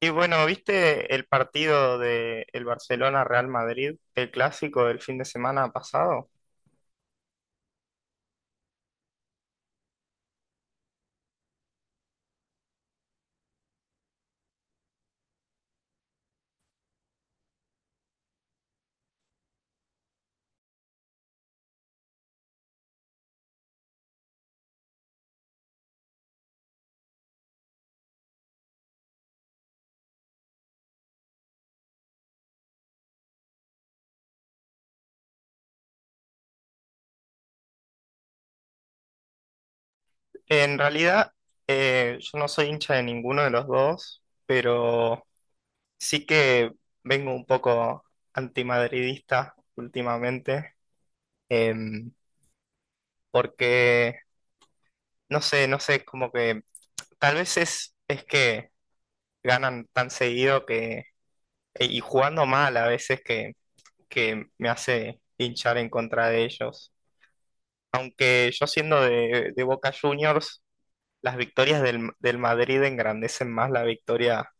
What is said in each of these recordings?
Y bueno, ¿viste el partido de el Barcelona-Real Madrid, el clásico del fin de semana pasado? En realidad, yo no soy hincha de ninguno de los dos, pero sí que vengo un poco antimadridista últimamente, em, porque no sé, como que tal vez es que ganan tan seguido que, y jugando mal a veces, que me hace hinchar en contra de ellos. Aunque yo siendo de Boca Juniors, las victorias del Madrid engrandecen más la victoria,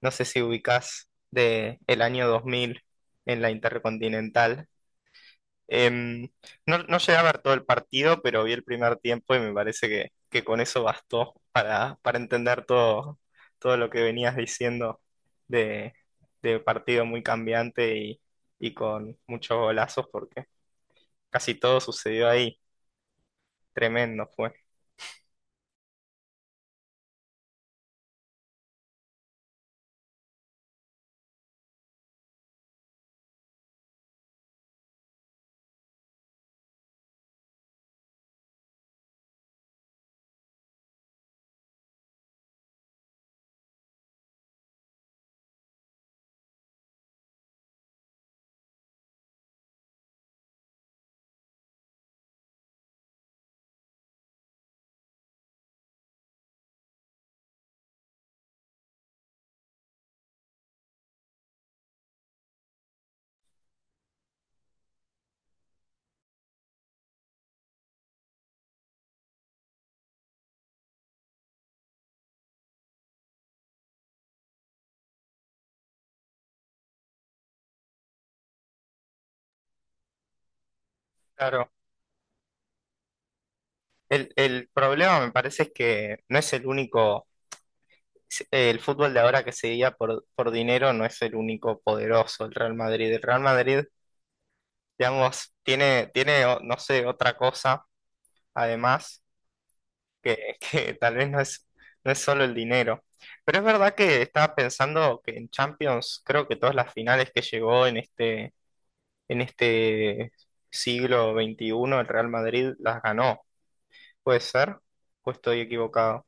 no sé si ubicás, de el año 2000 en la Intercontinental. Em, no, no llegué a ver todo el partido, pero vi el primer tiempo y me parece que con eso bastó para para entender todo lo que venías diciendo de, de partido muy cambiante y con muchos golazos, porque casi todo sucedió ahí. Tremendo fue. Claro, el problema me parece es que no es el único. El fútbol de ahora, que se guía por dinero, no es el único poderoso, el Real Madrid. El Real Madrid, digamos, tiene, no sé, otra cosa, además, que que tal vez no es solo el dinero. Pero es verdad que estaba pensando que en Champions, creo que todas las finales que llegó en este siglo XXI, el Real Madrid las ganó. ¿Puede ser? ¿O estoy equivocado?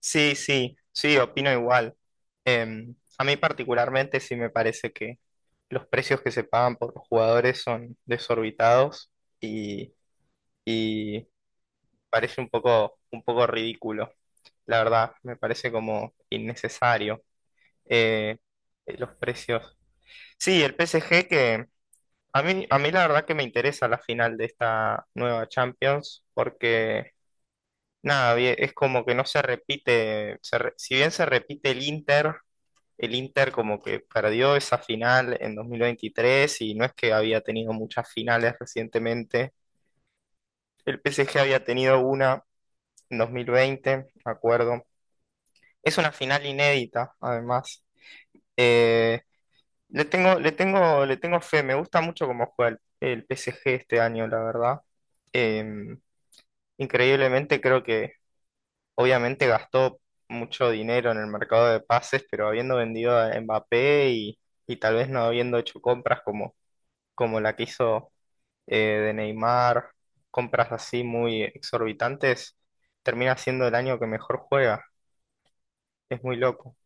Sí, sí, sí, opino igual. A mí particularmente sí me parece que los precios que se pagan por los jugadores son desorbitados, y, y parece un poco ridículo, la verdad. Me parece como innecesario, eh, los precios. Sí, el PSG... Que a mí la verdad que me interesa la final de esta nueva Champions porque. Nada, bien, es como que no se repite, si bien se repite el Inter como que perdió esa final en 2023 y no es que había tenido muchas finales recientemente. El PSG había tenido una en 2020, me acuerdo. Es una final inédita, además. Eh, le tengo fe, me gusta mucho cómo juega el PSG este año, la verdad. Eh, Increíblemente creo que obviamente gastó mucho dinero en el mercado de pases, pero habiendo vendido a Mbappé, y tal vez no habiendo hecho compras como la que hizo, eh, de Neymar, compras así muy exorbitantes, termina siendo el año que mejor juega. Es muy loco.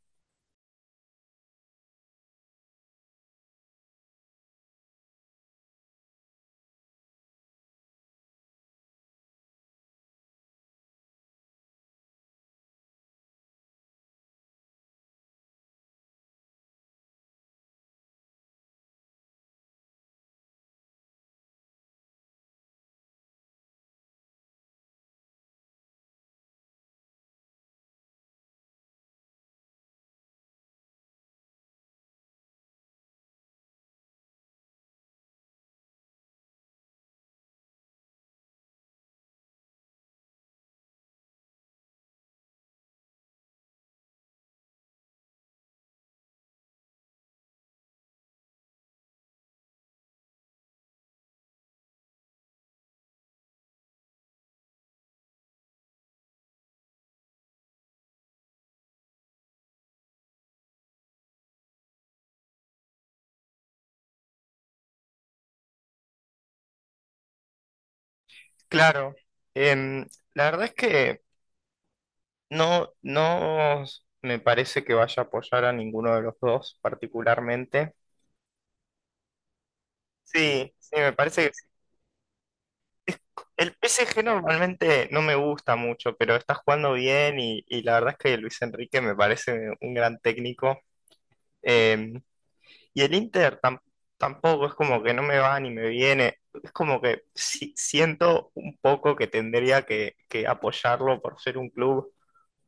Claro. em, la verdad es que no, no me parece que vaya a apoyar a ninguno de los dos particularmente. Sí, sí, me parece que sí. El PSG normalmente no me gusta mucho, pero está jugando bien, y la verdad es que Luis Enrique me parece un gran técnico. Em, Y el Inter tampoco es como que no me va ni me viene. Es como que siento un poco que tendría que apoyarlo por ser un club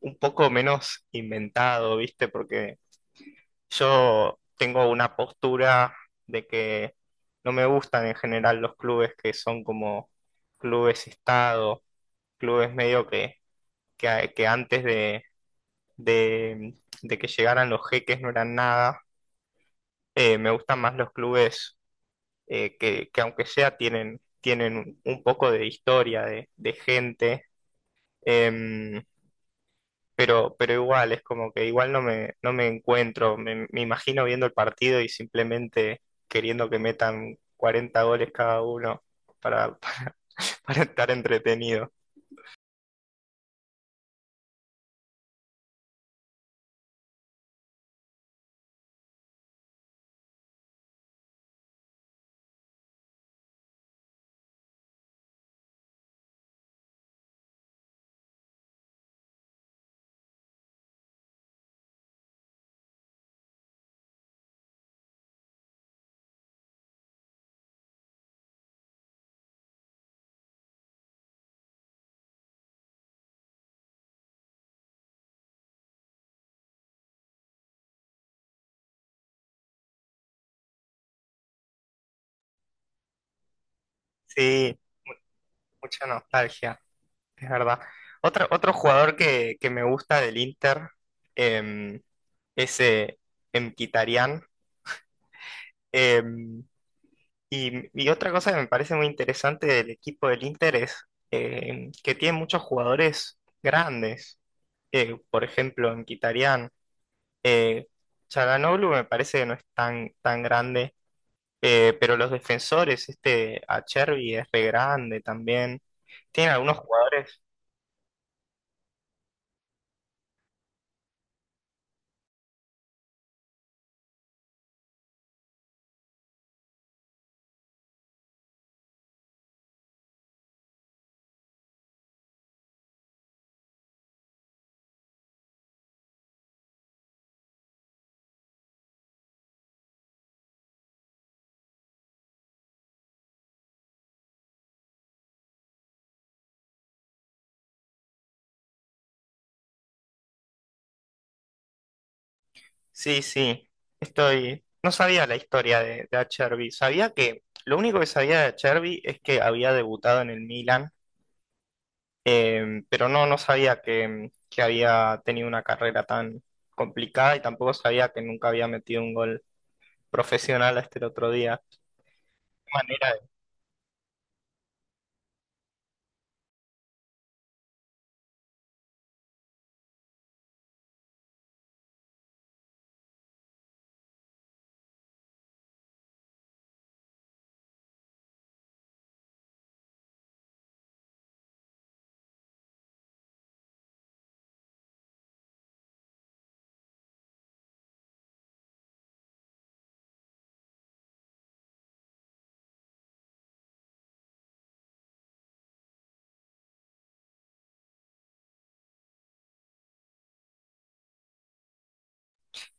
un poco menos inventado, ¿viste? Porque yo tengo una postura de que no me gustan en general los clubes que son como clubes estado, clubes medio que, que antes de, de, de que llegaran los jeques no eran nada. Me gustan más los clubes, que aunque sea tienen un poco de historia, de gente, em, pero igual, es como que igual no me encuentro. Me imagino viendo el partido y simplemente queriendo que metan 40 goles cada uno para, para estar entretenido. Sí, mucha nostalgia, es verdad. Otro jugador que me gusta del Inter, em, es Mkhitaryan. Em, y otra cosa que me parece muy interesante del equipo del Inter es, que tiene muchos jugadores grandes. Por ejemplo, en Kitarian, eh, Çalhanoğlu me parece que no es tan grande, pero los defensores, este Acerbi es re grande también. Tiene algunos jugadores. Sí, sí, estoy. No sabía la historia de de Acerbi. Sabía que, lo único que sabía de Acerbi, es que había debutado en el Milan. Pero no, no sabía que había tenido una carrera tan complicada, y tampoco sabía que nunca había metido un gol profesional hasta el otro día. Qué manera de-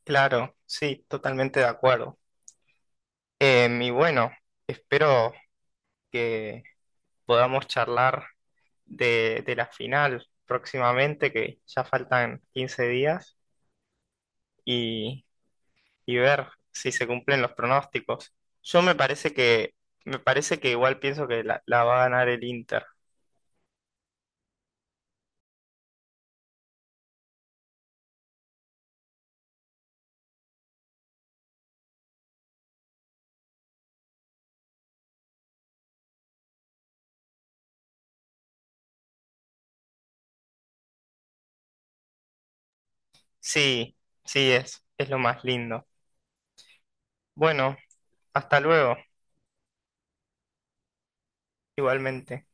Claro, sí, totalmente de acuerdo. Y bueno, espero que podamos charlar de la final próximamente, que ya faltan 15 días, y, y ver si se cumplen los pronósticos. Yo me parece que, igual pienso que la va a ganar el Inter. Sí, sí, es lo más lindo. Bueno, hasta luego, igualmente.